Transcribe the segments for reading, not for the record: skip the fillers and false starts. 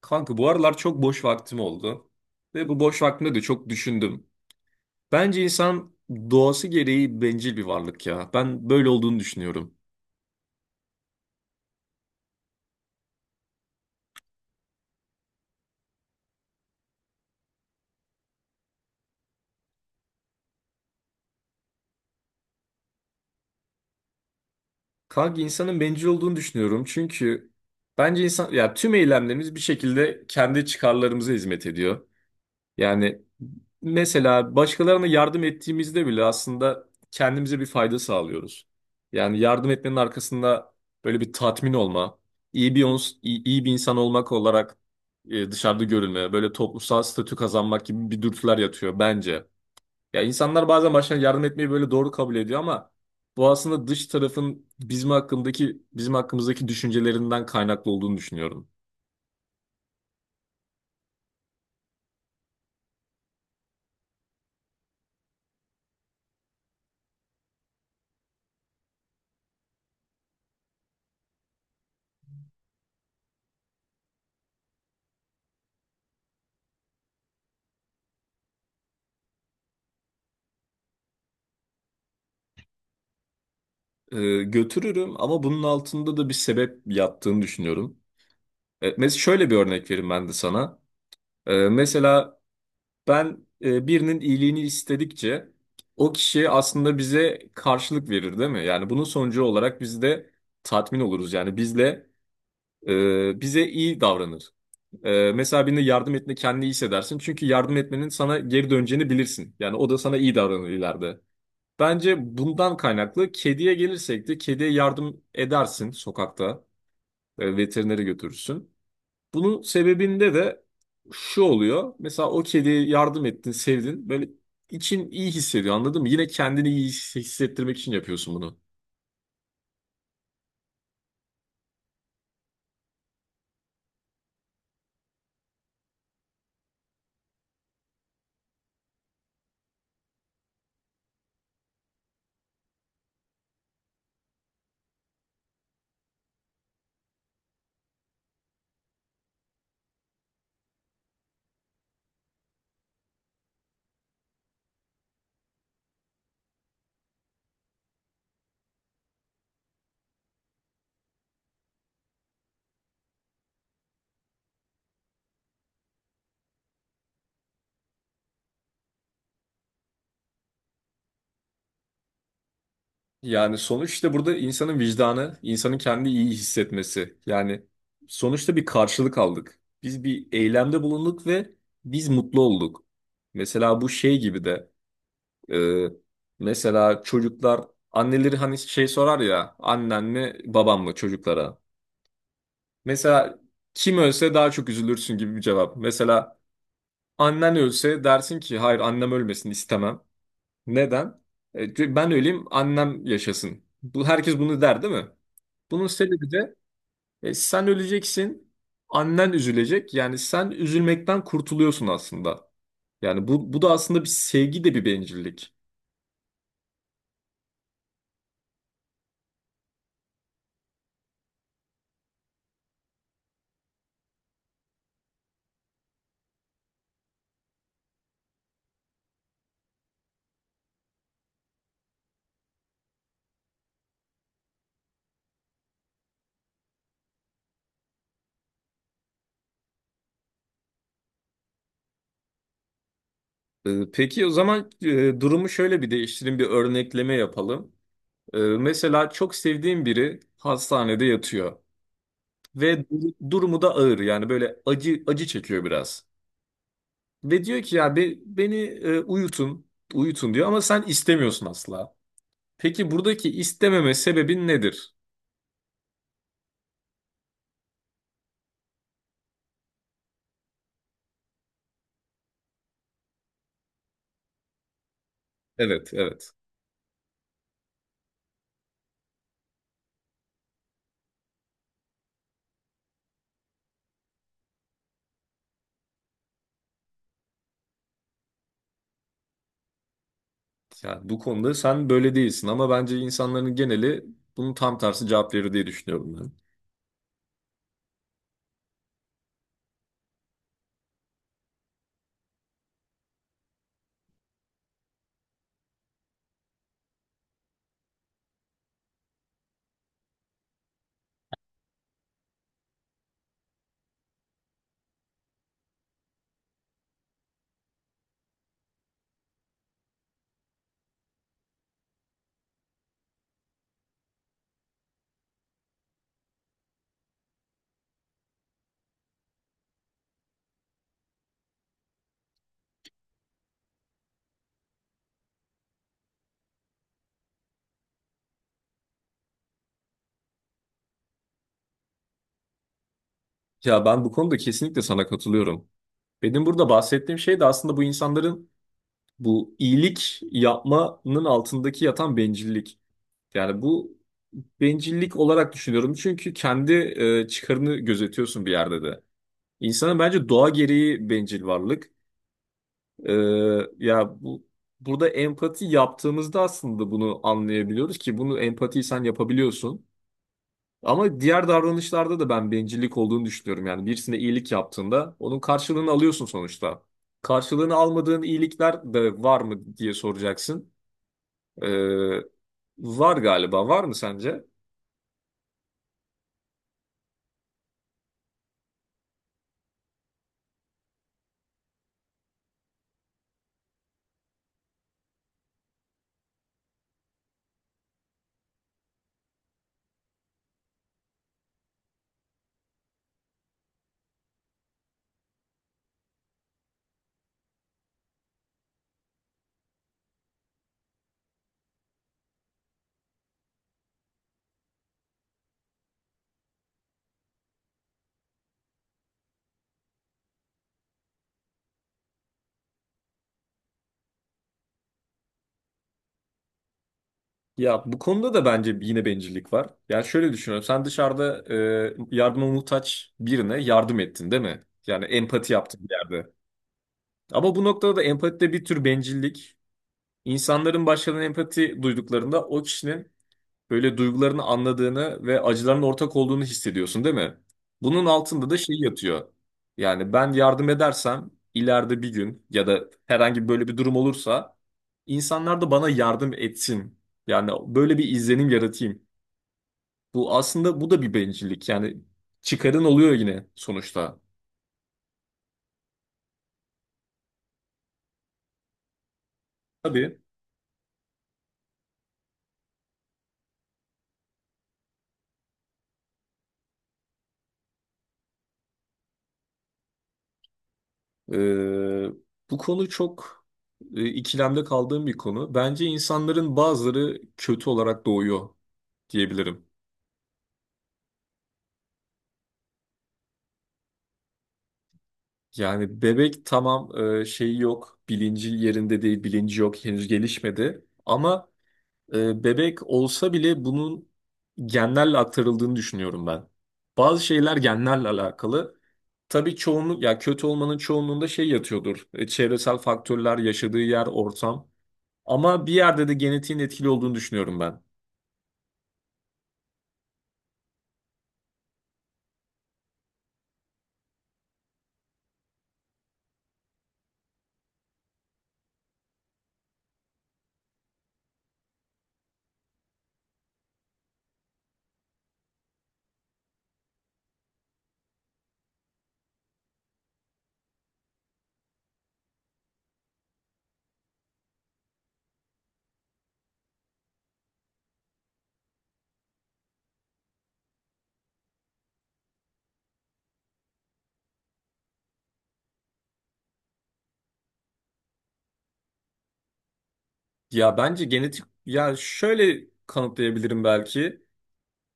Kanka bu aralar çok boş vaktim oldu. Ve bu boş vaktimde de çok düşündüm. Bence insan doğası gereği bencil bir varlık ya. Ben böyle olduğunu düşünüyorum. Kanka insanın bencil olduğunu düşünüyorum. Çünkü bence insan ya tüm eylemlerimiz bir şekilde kendi çıkarlarımıza hizmet ediyor. Yani mesela başkalarına yardım ettiğimizde bile aslında kendimize bir fayda sağlıyoruz. Yani yardım etmenin arkasında böyle bir tatmin olma, iyi bir insan olmak olarak dışarıda görülme, böyle toplumsal statü kazanmak gibi bir dürtüler yatıyor bence. Ya insanlar bazen başkalarına yardım etmeyi böyle doğru kabul ediyor ama bu aslında dış tarafın bizim hakkındaki bizim hakkımızdaki düşüncelerinden kaynaklı olduğunu düşünüyorum. Götürürüm ama bunun altında da bir sebep yattığını düşünüyorum. Şöyle bir örnek vereyim ben de sana. Mesela ben birinin iyiliğini istedikçe o kişi aslında bize karşılık verir değil mi? Yani bunun sonucu olarak biz de tatmin oluruz. Bize iyi davranır. Mesela birine yardım etme kendini iyi hissedersin. Çünkü yardım etmenin sana geri döneceğini bilirsin. Yani o da sana iyi davranır ileride. Bence bundan kaynaklı kediye gelirsek de kediye yardım edersin sokakta. Veterinere götürürsün. Bunun sebebinde de şu oluyor. Mesela o kediye yardım ettin, sevdin. Böyle için iyi hissediyor anladın mı? Yine kendini hissettirmek için yapıyorsun bunu. Yani sonuçta burada insanın vicdanı, insanın kendi iyi hissetmesi. Yani sonuçta bir karşılık aldık. Biz bir eylemde bulunduk ve biz mutlu olduk. Mesela bu şey gibi de e, mesela çocuklar anneleri hani şey sorar ya annen mi babam mı çocuklara. Mesela kim ölse daha çok üzülürsün gibi bir cevap. Mesela annen ölse dersin ki hayır annem ölmesin istemem. Neden? Çünkü ben öleyim annem yaşasın. Bu, herkes bunu der değil mi? Bunun sebebi de sen öleceksin annen üzülecek. Yani sen üzülmekten kurtuluyorsun aslında. Yani bu da aslında bir sevgi de bir bencillik. Peki o zaman durumu şöyle bir değiştirin bir örnekleme yapalım. Mesela çok sevdiğin biri hastanede yatıyor. Ve durumu da ağır yani böyle acı acı çekiyor biraz. Ve diyor ki ya beni uyutun diyor ama sen istemiyorsun asla. Peki buradaki istememe sebebin nedir? Evet, evet. Yani bu konuda sen böyle değilsin ama bence insanların geneli bunun tam tersi cevap verir diye düşünüyorum ben. Ya ben bu konuda kesinlikle sana katılıyorum. Benim burada bahsettiğim şey de aslında bu insanların bu iyilik yapmanın altındaki yatan bencillik. Yani bu bencillik olarak düşünüyorum. Çünkü kendi çıkarını gözetiyorsun bir yerde de. İnsanın bence doğa gereği bencil varlık. E, ya bu Burada empati yaptığımızda aslında bunu anlayabiliyoruz ki bunu empatiyi sen yapabiliyorsun. Ama diğer davranışlarda da ben bencillik olduğunu düşünüyorum. Yani birisine iyilik yaptığında onun karşılığını alıyorsun sonuçta. Karşılığını almadığın iyilikler de var mı diye soracaksın. E, Var galiba. Var mı sence? Ya bu konuda da bence yine bencillik var. Yani şöyle düşünüyorum. Sen dışarıda yardıma muhtaç birine yardım ettin, değil mi? Yani empati yaptın bir yerde. Ama bu noktada da empatide bir tür bencillik. İnsanların başkalarına empati duyduklarında o kişinin böyle duygularını anladığını ve acılarının ortak olduğunu hissediyorsun, değil mi? Bunun altında da şey yatıyor. Yani ben yardım edersem ileride bir gün ya da herhangi böyle bir durum olursa insanlar da bana yardım etsin. Yani böyle bir izlenim yaratayım. Bu da bir bencillik. Yani çıkarın oluyor yine sonuçta. Tabii. eee, Bu konu çok ikilemde kaldığım bir konu. Bence insanların bazıları kötü olarak doğuyor diyebilirim. Yani bebek tamam şeyi yok, bilinci yerinde değil, bilinci yok, henüz gelişmedi. Ama bebek olsa bile bunun genlerle aktarıldığını düşünüyorum ben. Bazı şeyler genlerle alakalı. Tabii çoğunluk, ya kötü olmanın çoğunluğunda şey yatıyordur. Çevresel faktörler, yaşadığı yer, ortam. Ama bir yerde de genetiğin etkili olduğunu düşünüyorum ben. Ya bence genetik, ya şöyle kanıtlayabilirim belki.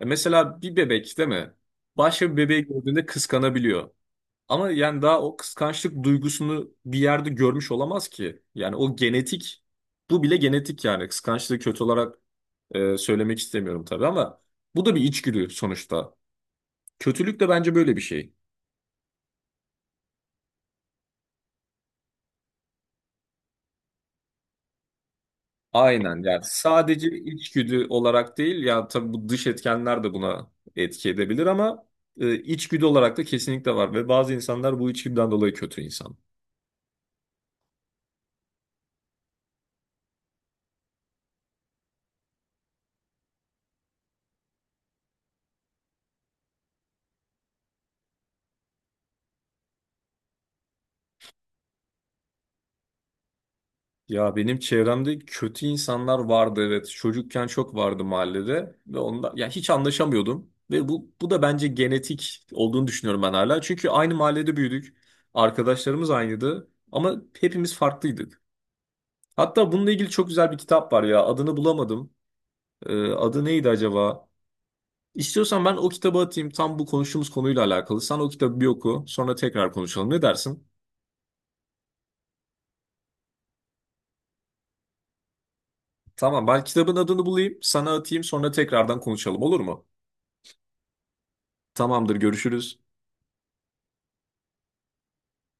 Mesela bir bebek değil mi? Başka bir bebeği gördüğünde kıskanabiliyor. Ama yani daha o kıskançlık duygusunu bir yerde görmüş olamaz ki. Yani o genetik, bu bile genetik yani. Kıskançlığı kötü olarak söylemek istemiyorum tabii ama bu da bir içgüdü sonuçta. Kötülük de bence böyle bir şey. Aynen yani sadece içgüdü olarak değil ya tabii bu dış etkenler de buna etki edebilir ama içgüdü olarak da kesinlikle var ve bazı insanlar bu içgüdüden dolayı kötü insan. Ya benim çevremde kötü insanlar vardı evet. Çocukken çok vardı mahallede ve onda ya hiç anlaşamıyordum ve bu da bence genetik olduğunu düşünüyorum ben hala. Çünkü aynı mahallede büyüdük. Arkadaşlarımız aynıydı ama hepimiz farklıydık. Hatta bununla ilgili çok güzel bir kitap var ya. Adını bulamadım. Adı neydi acaba? İstiyorsan ben o kitabı atayım tam bu konuştuğumuz konuyla alakalı. Sen o kitabı bir oku, sonra tekrar konuşalım. Ne dersin? Tamam, ben kitabın adını bulayım, sana atayım, sonra tekrardan konuşalım olur mu? Tamamdır, görüşürüz.